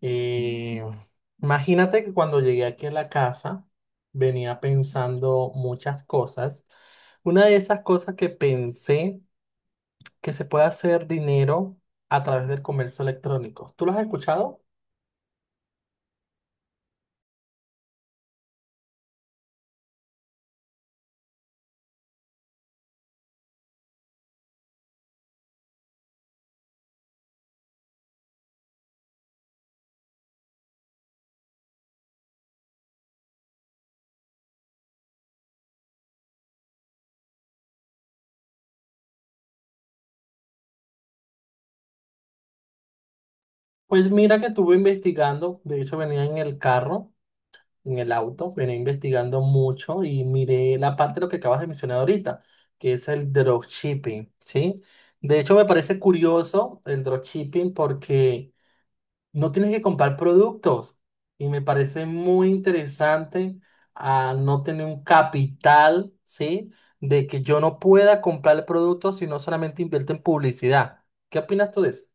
Y imagínate que cuando llegué aquí a la casa venía pensando muchas cosas. Una de esas cosas que pensé que se puede hacer dinero a través del comercio electrónico. ¿Tú lo has escuchado? Pues mira que estuve investigando, de hecho venía en el carro, en el auto, venía investigando mucho y miré la parte de lo que acabas de mencionar ahorita, que es el dropshipping, ¿sí? De hecho me parece curioso el dropshipping porque no tienes que comprar productos. Y me parece muy interesante a no tener un capital, ¿sí? De que yo no pueda comprar el producto, sino solamente invierto en publicidad. ¿Qué opinas tú de eso?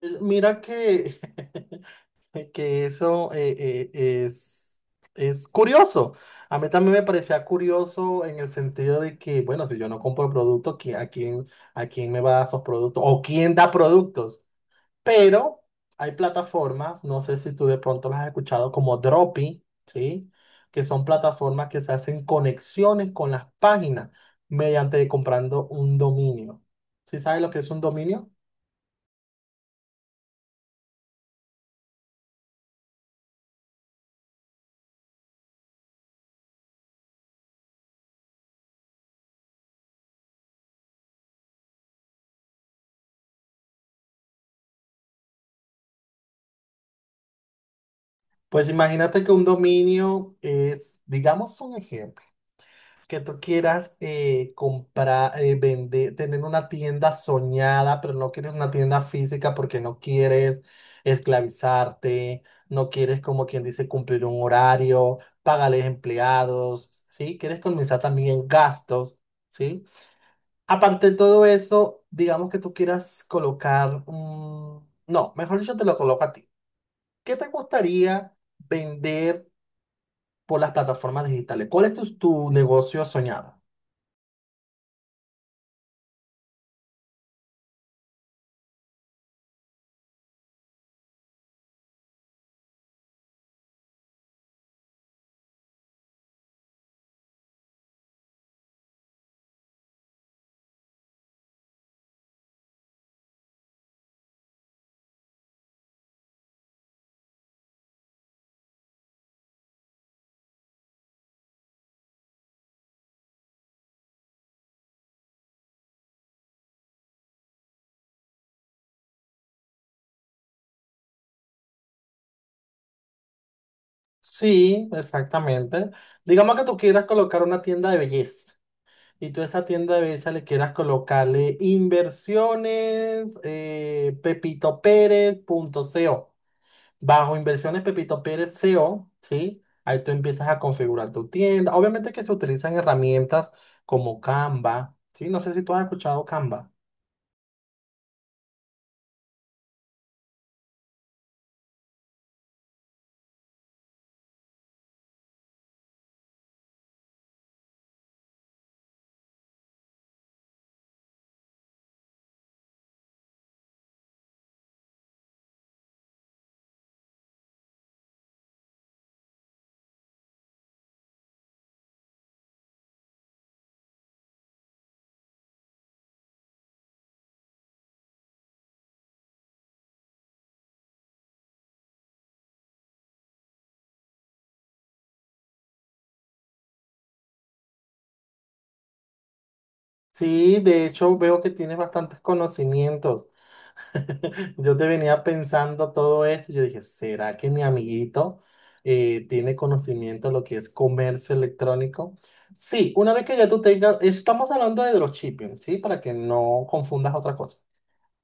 Pues mira que, que eso eh, es, es curioso. A mí también me parecía curioso en el sentido de que, bueno, si yo no compro productos, a quién me va a dar esos productos? ¿O quién da productos? Pero hay plataformas, no sé si tú de pronto las has escuchado, como Dropi, ¿sí? Que son plataformas que se hacen conexiones con las páginas mediante comprando un dominio. ¿Sí sabes lo que es un dominio? Pues imagínate que un dominio es, digamos un ejemplo, que tú quieras comprar, vender, tener una tienda soñada, pero no quieres una tienda física porque no quieres esclavizarte, no quieres, como quien dice, cumplir un horario, pagarles empleados, ¿sí? Quieres comenzar también gastos, ¿sí? Aparte de todo eso, digamos que tú quieras colocar un... No, mejor dicho, te lo coloco a ti. ¿Qué te gustaría vender por las plataformas digitales? ¿Cuál es tu negocio soñado? Sí, exactamente. Digamos que tú quieras colocar una tienda de belleza y tú a esa tienda de belleza le quieras colocarle inversiones Pepito Pérez punto C. O. Bajo inversiones Pepito Pérez C. O, ¿sí? Ahí tú empiezas a configurar tu tienda. Obviamente que se utilizan herramientas como Canva, ¿sí? No sé si tú has escuchado Canva. Sí, de hecho veo que tienes bastantes conocimientos. Yo te venía pensando todo esto, yo dije, ¿será que mi amiguito tiene conocimiento de lo que es comercio electrónico? Sí, una vez que ya tú tengas, estamos hablando de dropshipping, ¿sí? Para que no confundas otra cosa.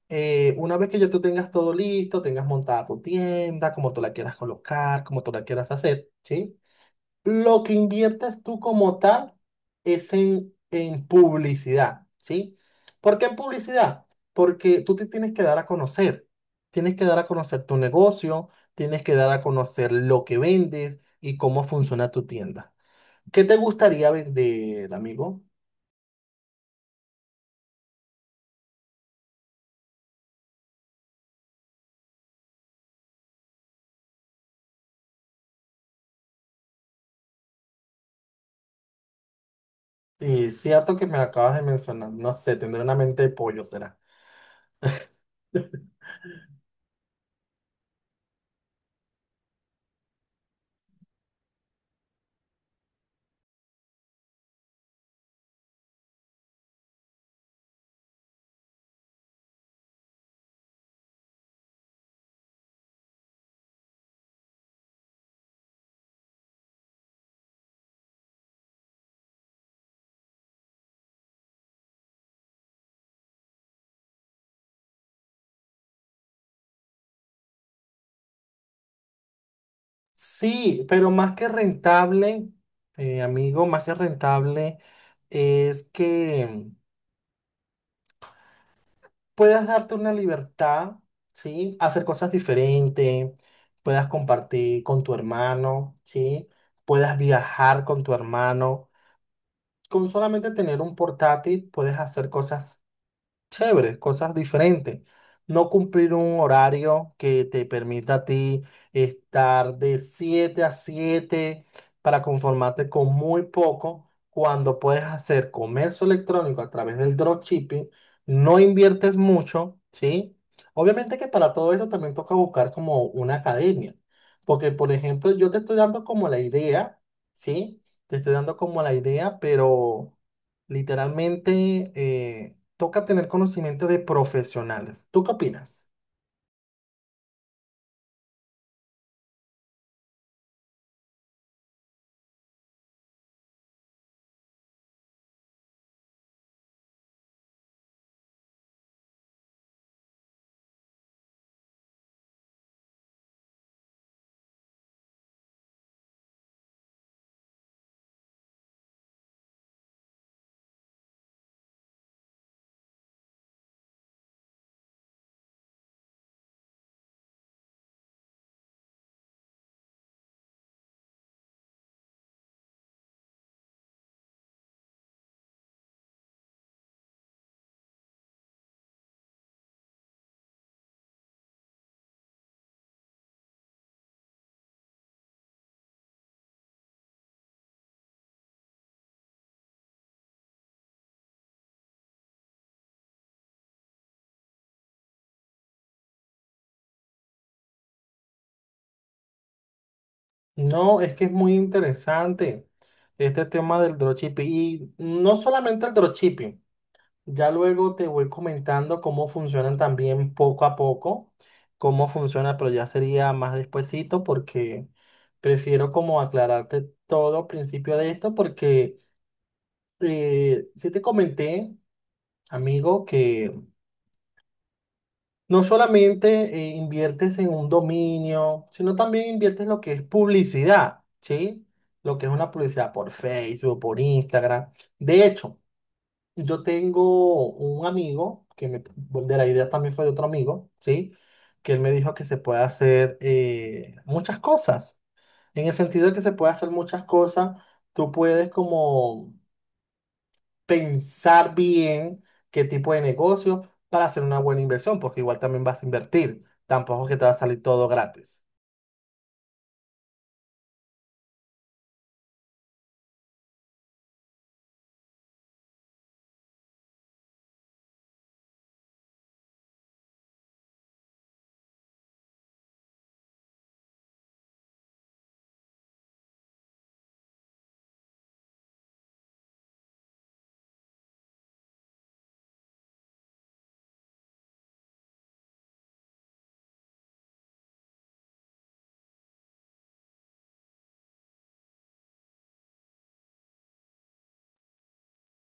Una vez que ya tú tengas todo listo, tengas montada tu tienda, como tú la quieras colocar, como tú la quieras hacer, ¿sí? Lo que inviertes tú como tal es en publicidad, ¿sí? ¿Por qué en publicidad? Porque tú te tienes que dar a conocer. Tienes que dar a conocer tu negocio, tienes que dar a conocer lo que vendes y cómo funciona tu tienda. ¿Qué te gustaría vender, amigo? Es cierto que me lo acabas de mencionar, no sé, tendré una mente de pollo, será. Sí, pero más que rentable, amigo, más que rentable es que puedas darte una libertad, ¿sí? Hacer cosas diferentes, puedas compartir con tu hermano, ¿sí? Puedas viajar con tu hermano. Con solamente tener un portátil puedes hacer cosas chéveres, cosas diferentes. No cumplir un horario que te permita a ti estar de 7 a 7 para conformarte con muy poco cuando puedes hacer comercio electrónico a través del dropshipping, no inviertes mucho, ¿sí? Obviamente que para todo eso también toca buscar como una academia, porque por ejemplo yo te estoy dando como la idea, ¿sí? Te estoy dando como la idea, pero literalmente eh, toca tener conocimiento de profesionales. ¿Tú qué opinas? No, es que es muy interesante este tema del dropshipping y no solamente el dropshipping. Ya luego te voy comentando cómo funcionan también poco a poco, cómo funciona, pero ya sería más despuesito porque prefiero como aclararte todo al principio de esto porque si te comenté, amigo, que no solamente inviertes en un dominio, sino también inviertes lo que es publicidad, ¿sí? Lo que es una publicidad por Facebook, por Instagram. De hecho, yo tengo un amigo, que me, de la idea también fue de otro amigo, ¿sí? Que él me dijo que se puede hacer muchas cosas. En el sentido de que se puede hacer muchas cosas, tú puedes como pensar bien qué tipo de negocio para hacer una buena inversión, porque igual también vas a invertir. Tampoco es que te va a salir todo gratis.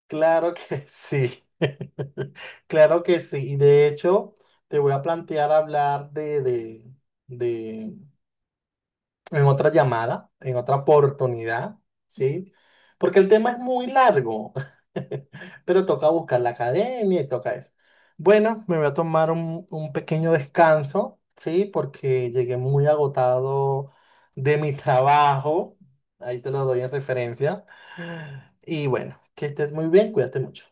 Claro que sí. Claro que sí. Y de hecho, te voy a plantear hablar de en otra llamada, en otra oportunidad, ¿sí? Porque el tema es muy largo, pero toca buscar la academia y toca eso. Bueno, me voy a tomar un pequeño descanso, ¿sí? Porque llegué muy agotado de mi trabajo, ahí te lo doy en referencia. Y bueno, que estés muy bien, cuídate mucho.